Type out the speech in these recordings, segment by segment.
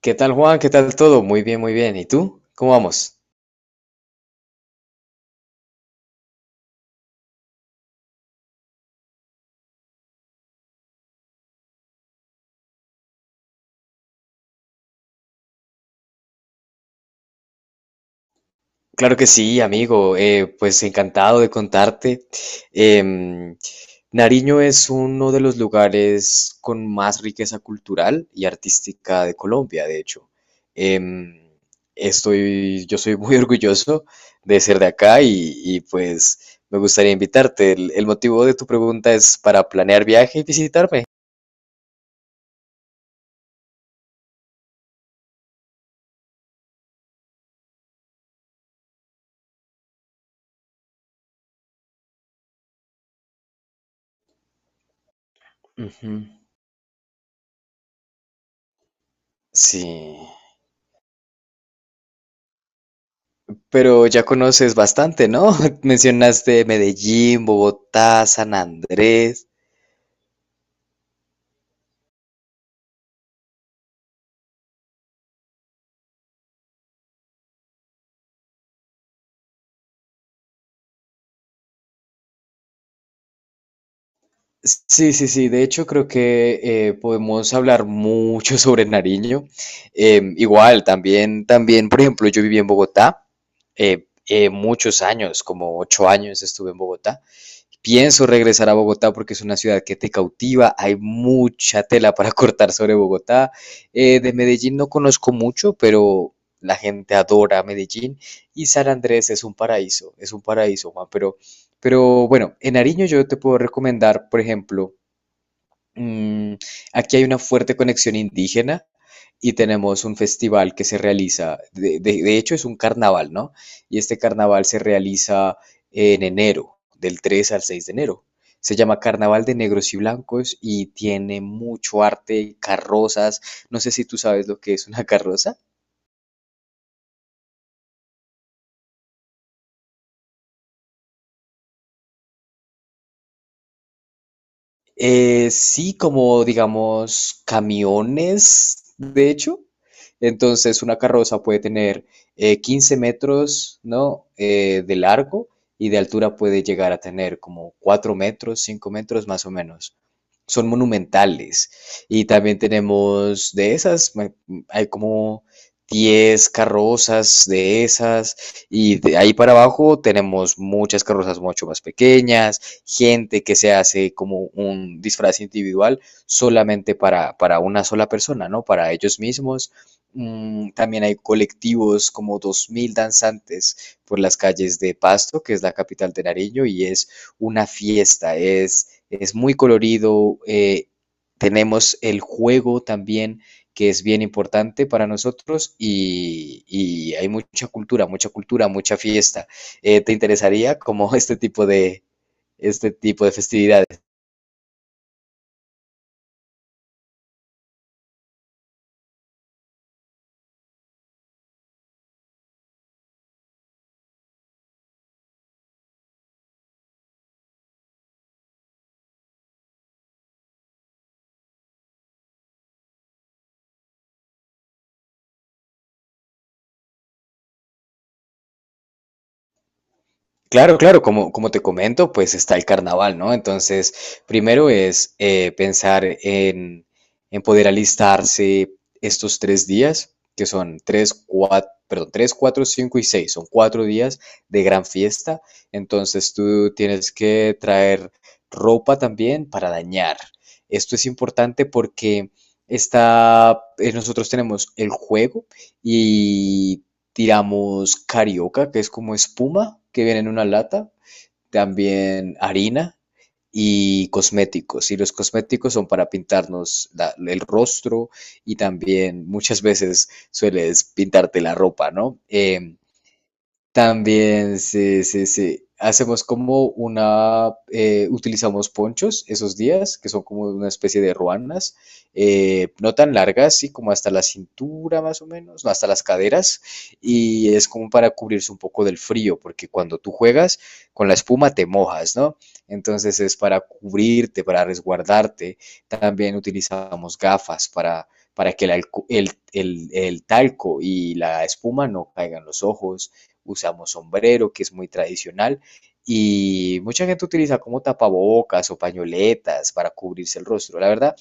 ¿Qué tal, Juan? ¿Qué tal todo? Muy bien, muy bien. ¿Y tú? ¿Cómo vamos? Claro que sí, amigo. Pues encantado de contarte. Em, Nariño es uno de los lugares con más riqueza cultural y artística de Colombia, de hecho. Em, yo soy muy orgulloso de ser de acá pues me gustaría invitarte. El motivo de tu pregunta es para planear viaje y visitarme. Ujú. Sí. Pero ya conoces bastante, ¿no? Mencionaste Medellín, Bogotá, San Andrés. Sí, sí, sí. De hecho, creo que podemos hablar mucho sobre Nariño. Igual, también, por ejemplo, yo viví en Bogotá muchos años, como 8 años estuve en Bogotá. Pienso regresar a Bogotá porque es una ciudad que te cautiva, hay mucha tela para cortar sobre Bogotá. De Medellín no conozco mucho, pero la gente adora Medellín y San Andrés es un paraíso, Juan, pero, bueno, en Nariño yo te puedo recomendar, por ejemplo. Mm, Aquí hay una fuerte conexión indígena y tenemos un festival que se realiza, de hecho es un carnaval, ¿no? Y este carnaval se realiza en enero, del 3 al 6 de enero. Se llama Carnaval de Negros y Blancos y tiene mucho arte, carrozas. No sé si tú sabes lo que es una carroza. Sí, como digamos camiones, de hecho. Entonces, una carroza puede tener 15 metros, ¿no? De largo, y de altura puede llegar a tener como 4 metros, 5 metros más o menos. Son monumentales. Y también tenemos de esas. Hay como 10 carrozas de esas. Y de ahí para abajo tenemos muchas carrozas mucho más pequeñas, gente que se hace como un disfraz individual solamente para, una sola persona, ¿no? Para ellos mismos. También hay colectivos como 2.000 danzantes por las calles de Pasto, que es la capital de Nariño, y es una fiesta, es muy colorido. Tenemos el juego también, que es bien importante para nosotros, y hay mucha cultura, mucha cultura, mucha fiesta. ¿Te interesaría como este tipo de festividades? Claro, claro, como te comento, pues está el carnaval, ¿no? Entonces, primero es pensar en, poder alistarse estos 3 días, que son tres, cuatro, perdón, 3, 4, 5 y 6, son 4 días de gran fiesta. Entonces, tú tienes que traer ropa también para dañar. Esto es importante porque nosotros tenemos el juego y tiramos carioca, que es como espuma que viene en una lata, también harina y cosméticos. Y los cosméticos son para pintarnos el rostro, y también muchas veces sueles pintarte la ropa, ¿no? También, sí, sí, sí. Utilizamos ponchos esos días, que son como una especie de ruanas, no tan largas, sí, como hasta la cintura más o menos, no, hasta las caderas, y es como para cubrirse un poco del frío, porque cuando tú juegas con la espuma te mojas, ¿no? Entonces es para cubrirte, para resguardarte. También utilizamos gafas para, que el, alco- el talco y la espuma no caigan los ojos. Usamos sombrero, que es muy tradicional, y mucha gente utiliza como tapabocas o pañoletas para cubrirse el rostro. La verdad,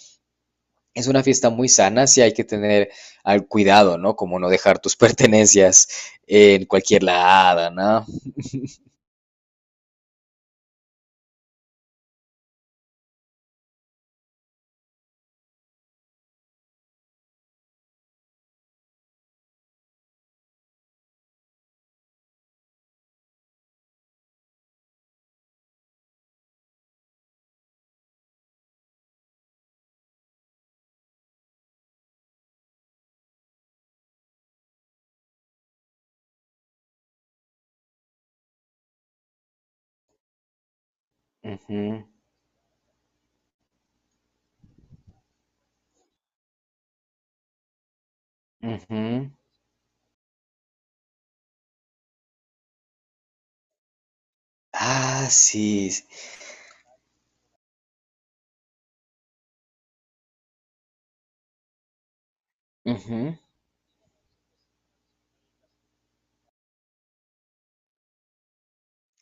es una fiesta muy sana, sí hay que tener al cuidado, ¿no? Como no dejar tus pertenencias en cualquier lado, ¿no? Ujú, ujú. Ah, sí. Ujú.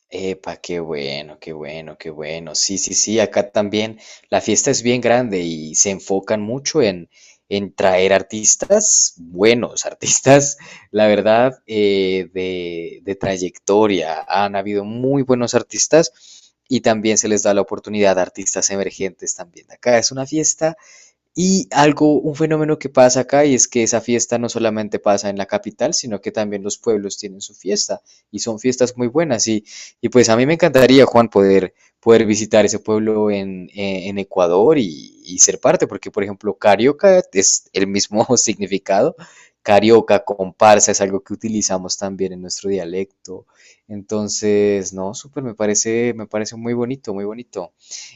Epa, qué bueno, qué bueno, qué bueno. Sí, sí, sí, acá también la fiesta es bien grande y se enfocan mucho en, traer artistas buenos, artistas, la verdad, de trayectoria. Han habido muy buenos artistas, y también se les da la oportunidad a artistas emergentes también. Acá es una fiesta, y algo, un fenómeno que pasa acá, y es que esa fiesta no solamente pasa en la capital, sino que también los pueblos tienen su fiesta, y son fiestas muy buenas. Y pues a mí me encantaría, Juan, poder, visitar ese pueblo en Ecuador, y ser parte, porque por ejemplo, carioca es el mismo significado. Carioca, comparsa, es algo que utilizamos también en nuestro dialecto. Entonces, no, súper, me parece muy bonito, muy bonito.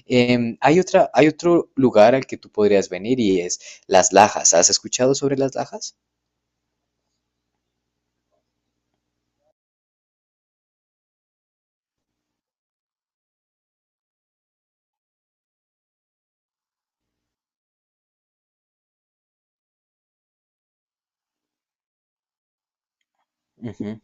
Hay otro lugar al que tú podrías venir, y es Las Lajas. ¿Has escuchado sobre Las Lajas? Ujú,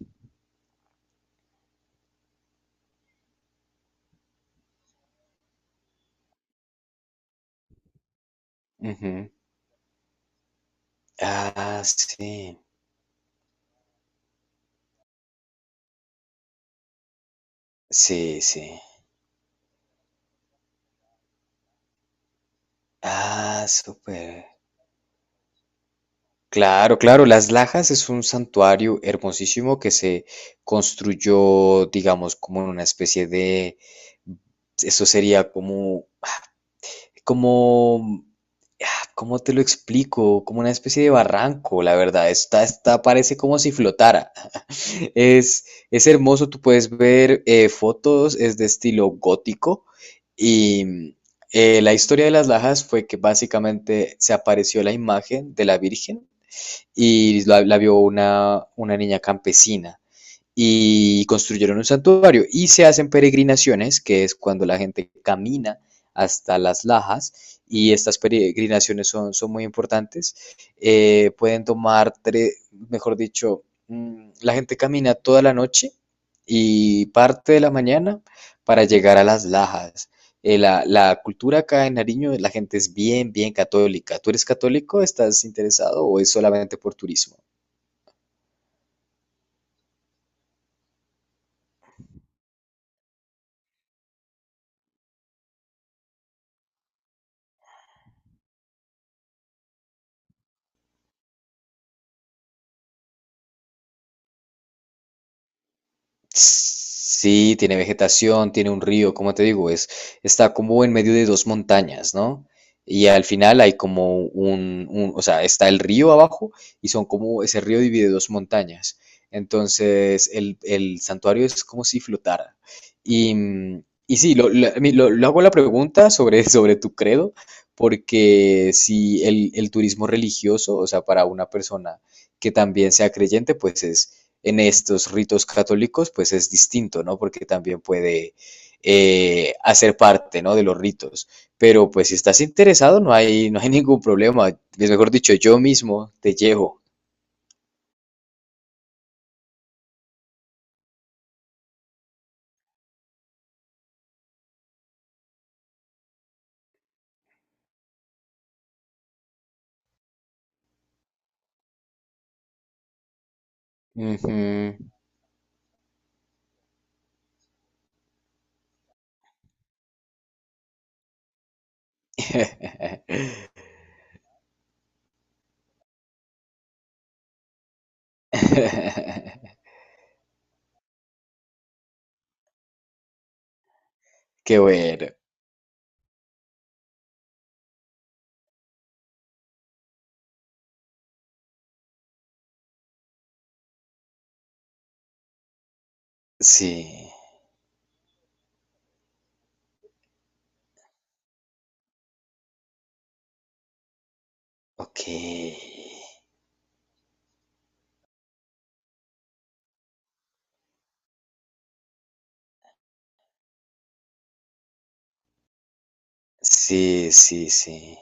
ujú. Ah, sí, sí, sí. Ah, súper. Claro, claro, Las Lajas es un santuario hermosísimo que se construyó, digamos, como en una especie de, eso sería como, como ¿cómo te lo explico? Como una especie de barranco, la verdad. Está, parece como si flotara. Es, es hermoso, tú puedes ver fotos, es de estilo gótico, y la historia de Las Lajas fue que básicamente se apareció la imagen de la Virgen, y la vio una niña campesina, y construyeron un santuario, y se hacen peregrinaciones, que es cuando la gente camina hasta Las Lajas, y estas peregrinaciones son, muy importantes. Mejor dicho, la gente camina toda la noche y parte de la mañana para llegar a Las Lajas. La cultura acá en Nariño, la gente es bien, bien católica. ¿Tú eres católico? ¿Estás interesado, o es solamente por turismo? Sí, tiene vegetación, tiene un río, como te digo, está como en medio de dos montañas, ¿no? Y al final hay como o sea, está el río abajo, y son como, ese río divide dos montañas. Entonces, el santuario es como si flotara. Y sí, a mí lo hago la pregunta sobre, sobre tu credo, porque si el turismo religioso, o sea, para una persona que también sea creyente, pues es, en estos ritos católicos, pues es distinto, ¿no? Porque también puede hacer parte, ¿no? De los ritos. Pero pues si estás interesado, no hay, no hay ningún problema. Es, mejor dicho, yo mismo te llevo. Ujú. Qué bueno. Sí. Ok. Sí, sí, sí.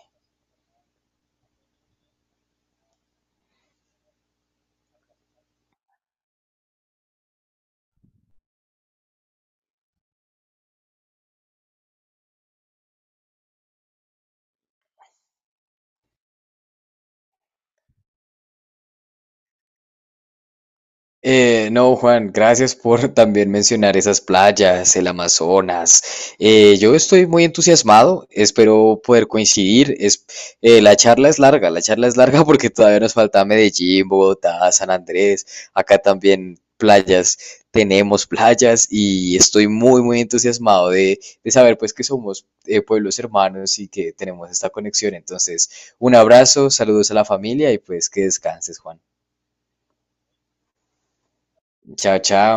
No, Juan, gracias por también mencionar esas playas, el Amazonas. Yo estoy muy entusiasmado, espero poder coincidir. La charla es larga, la charla es larga, porque todavía nos falta Medellín, Bogotá, San Andrés, acá también playas, tenemos playas, y estoy muy, muy entusiasmado de saber, pues, que somos pueblos hermanos y que tenemos esta conexión. Entonces, un abrazo, saludos a la familia, y pues que descanses, Juan. Chao, chao.